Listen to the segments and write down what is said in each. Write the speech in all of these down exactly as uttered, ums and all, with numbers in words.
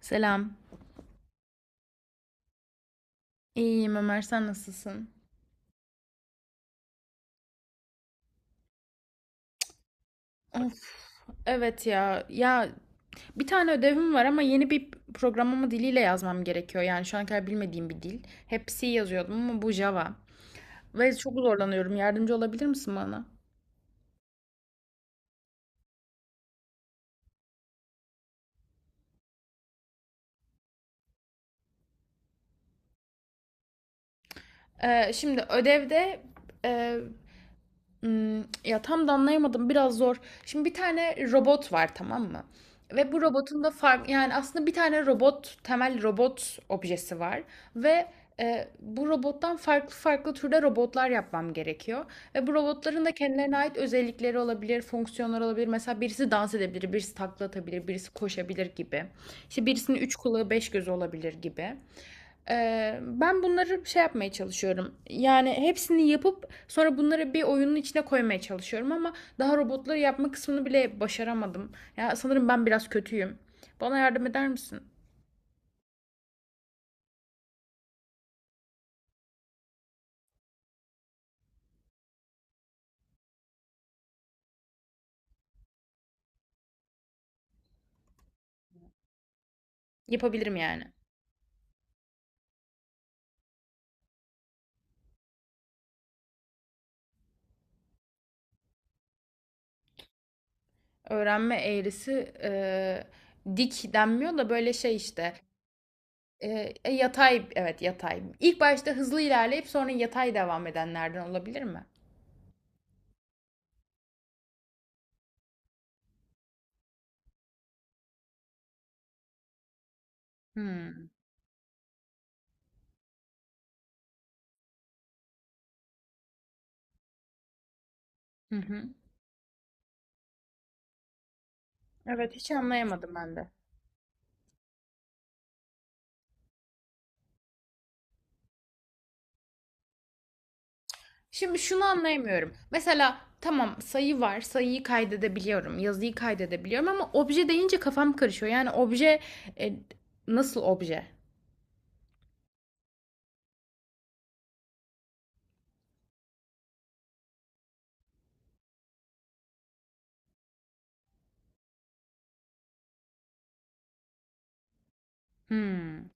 Selam. İyiyim Ömer, sen nasılsın? Of, evet ya. Ya bir tane ödevim var ama yeni bir programlama diliyle yazmam gerekiyor. Yani şu ana kadar bilmediğim bir dil. Hep C yazıyordum ama bu Java. Ve çok zorlanıyorum. Yardımcı olabilir misin bana? Ee, şimdi ödevde e, Imm, ya, tam da anlayamadım, biraz zor. Şimdi bir tane robot var, tamam mı? Ve bu robotun da fark yani, aslında bir tane robot, temel robot objesi var ve, eee, Bu robottan farklı farklı türde robotlar yapmam gerekiyor ve bu robotların da kendilerine ait özellikleri olabilir, fonksiyonları olabilir. Mesela birisi dans edebilir, birisi takla atabilir, birisi koşabilir gibi. İşte birisinin üç kulağı, beş gözü olabilir gibi. Eee, ben bunları şey yapmaya çalışıyorum. Yani hepsini yapıp sonra bunları bir oyunun içine koymaya çalışıyorum ama daha robotları yapma kısmını bile başaramadım. Ya sanırım ben biraz kötüyüm. Bana yardım eder misin? Yapabilirim yani. Öğrenme eğrisi eee, dik denmiyor da böyle şey işte. Eee, e, yatay evet yatay. İlk başta hızlı ilerleyip sonra yatay devam edenlerden olabilir mi? Hmm, hı hı. Evet hiç anlayamadım ben de. Şimdi şunu anlayamıyorum. Mesela tamam sayı var, sayıyı kaydedebiliyorum, yazıyı kaydedebiliyorum ama obje deyince kafam karışıyor. Yani obje e, nasıl obje? Hmm,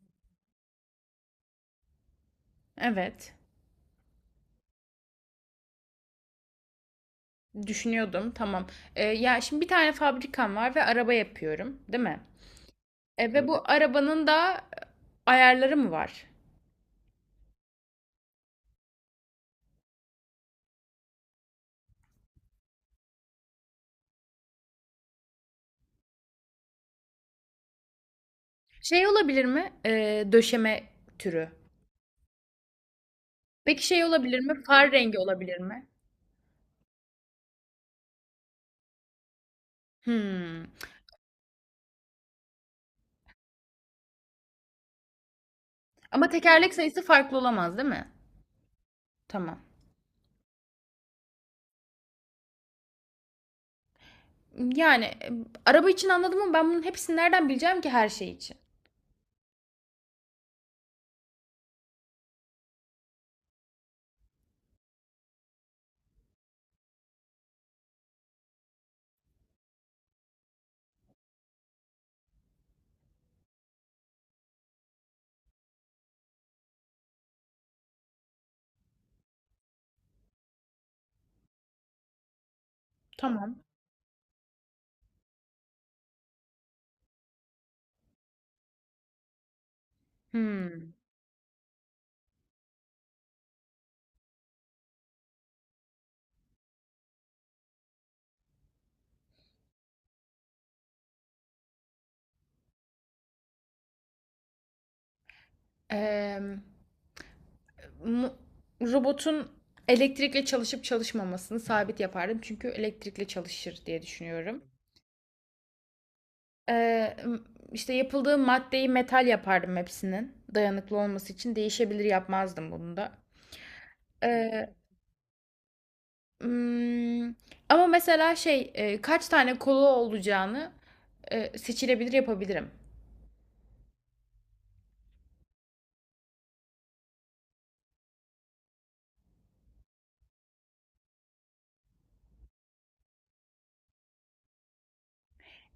evet. Düşünüyordum. Tamam. E, ya şimdi bir tane fabrikam var ve araba yapıyorum, değil mi? E, ve bu evet, arabanın da e, ayarları mı var? Şey olabilir mi? E, döşeme türü. Peki şey olabilir mi? Far rengi olabilir mi? Hmm. Ama tekerlek sayısı farklı olamaz, değil mi? Tamam. Yani, emm, araba için anladım ama ben bunun hepsini nereden bileceğim ki her şey için? Tamam. Hımm. Emm, mu Robotun elektrikle çalışıp çalışmamasını sabit yapardım çünkü elektrikle çalışır diye düşünüyorum. Emm, işte, yapıldığı maddeyi metal yapardım hepsinin dayanıklı olması için. Değişebilir yapmazdım bunu da. Eee, ımm, ama mesela şey, eee, kaç tane kolu olacağını, eee, seçilebilir yapabilirim.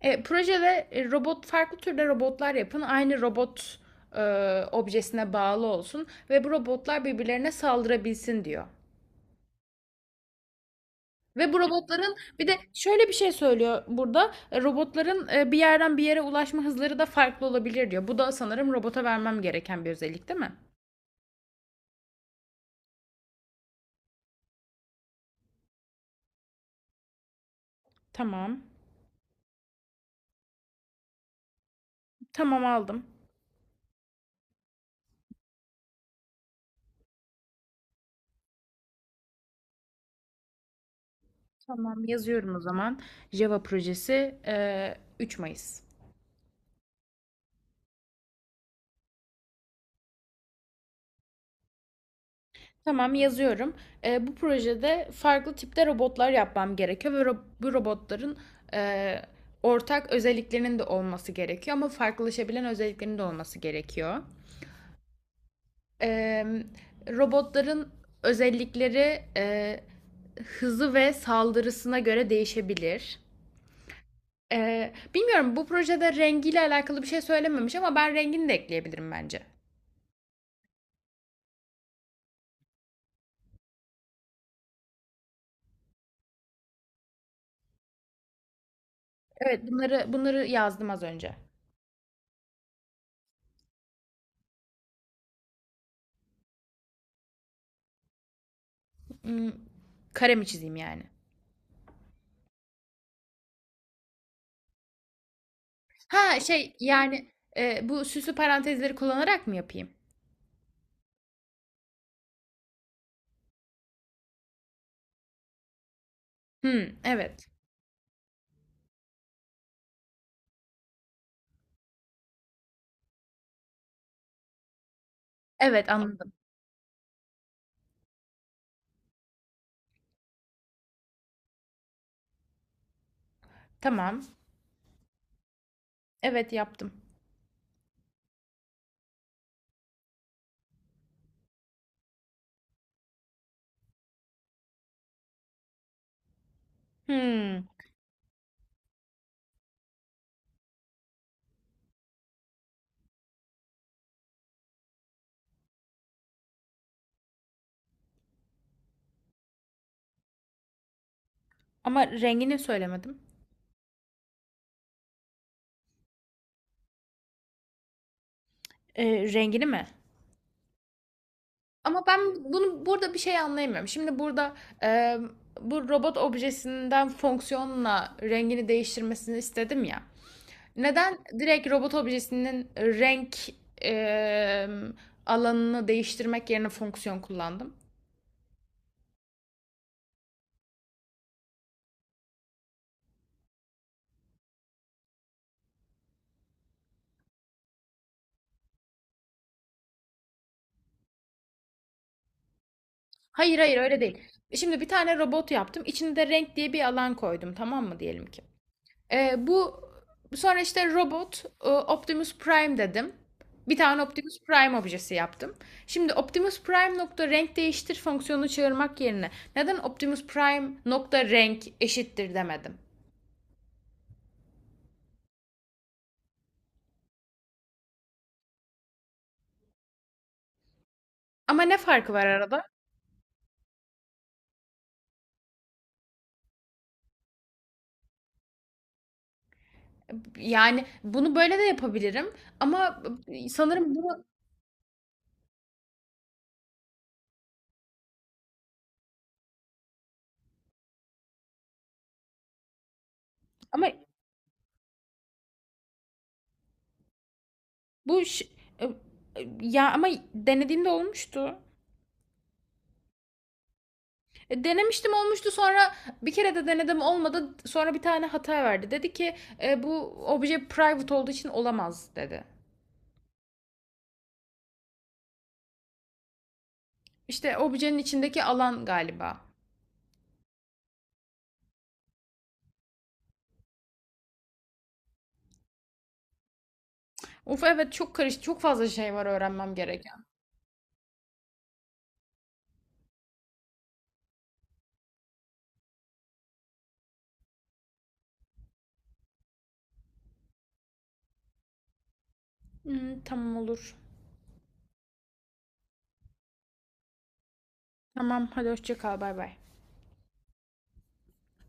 E, projede e, robot farklı türde robotlar yapın. Aynı robot e, objesine bağlı olsun ve bu robotlar birbirlerine saldırabilsin diyor. Ve bu robotların bir de şöyle bir şey söylüyor burada. e, Robotların e, bir yerden bir yere ulaşma hızları da farklı olabilir diyor. Bu da sanırım robota vermem gereken bir özellik değil mi? Tamam. Tamam aldım. Tamam yazıyorum o zaman. Java projesi e, üç Mayıs. Tamam yazıyorum. Ee, bu projede farklı tipte robotlar yapmam gerekiyor ve ro- bu robotların e, ortak özelliklerinin de olması gerekiyor ama farklılaşabilen özelliklerinin de olması gerekiyor. Ee, Robotların özellikleri e, hızı ve saldırısına göre değişebilir. Ee, bilmiyorum, bu projede rengiyle alakalı bir şey söylememiş ama ben rengini de ekleyebilirim bence. Evet, bunları bunları yazdım az önce. Hmm, kare mi çizeyim yani? Ha şey yani, e, bu süslü parantezleri kullanarak mı yapayım? Hmm, evet. Evet anladım. Tamam. Evet yaptım. Hmm, ama rengini söylemedim. E, rengini mi? Ama ben bunu burada bir şey anlayamıyorum. Şimdi burada, e, bu robot objesinden fonksiyonla rengini değiştirmesini istedim ya. Neden direkt robot objesinin renk e, alanını değiştirmek yerine fonksiyon kullandım? Hayır hayır, öyle değil. Şimdi bir tane robot yaptım. İçine de renk diye bir alan koydum, tamam mı, diyelim ki. Ee, bu sonra işte robot e, Optimus Prime dedim. Bir tane Optimus Prime objesi yaptım. Şimdi Optimus Prime nokta renk değiştir fonksiyonunu çağırmak yerine neden Optimus Prime nokta renk eşittir demedim? Ama ne farkı var arada? Yani bunu böyle de yapabilirim ama sanırım bunu, ama bu ş- e, e, ya ama denediğimde olmuştu. E, denemiştim olmuştu sonra bir kere de denedim olmadı, sonra bir tane hata verdi. Dedi ki, "E, bu obje private olduğu için olamaz", dedi. İşte objenin içindeki alan galiba. Of, evet, çok karışık, çok fazla şey var öğrenmem gereken. Hmm, tamam olur. Tamam hadi, hoşça kal, bay bay.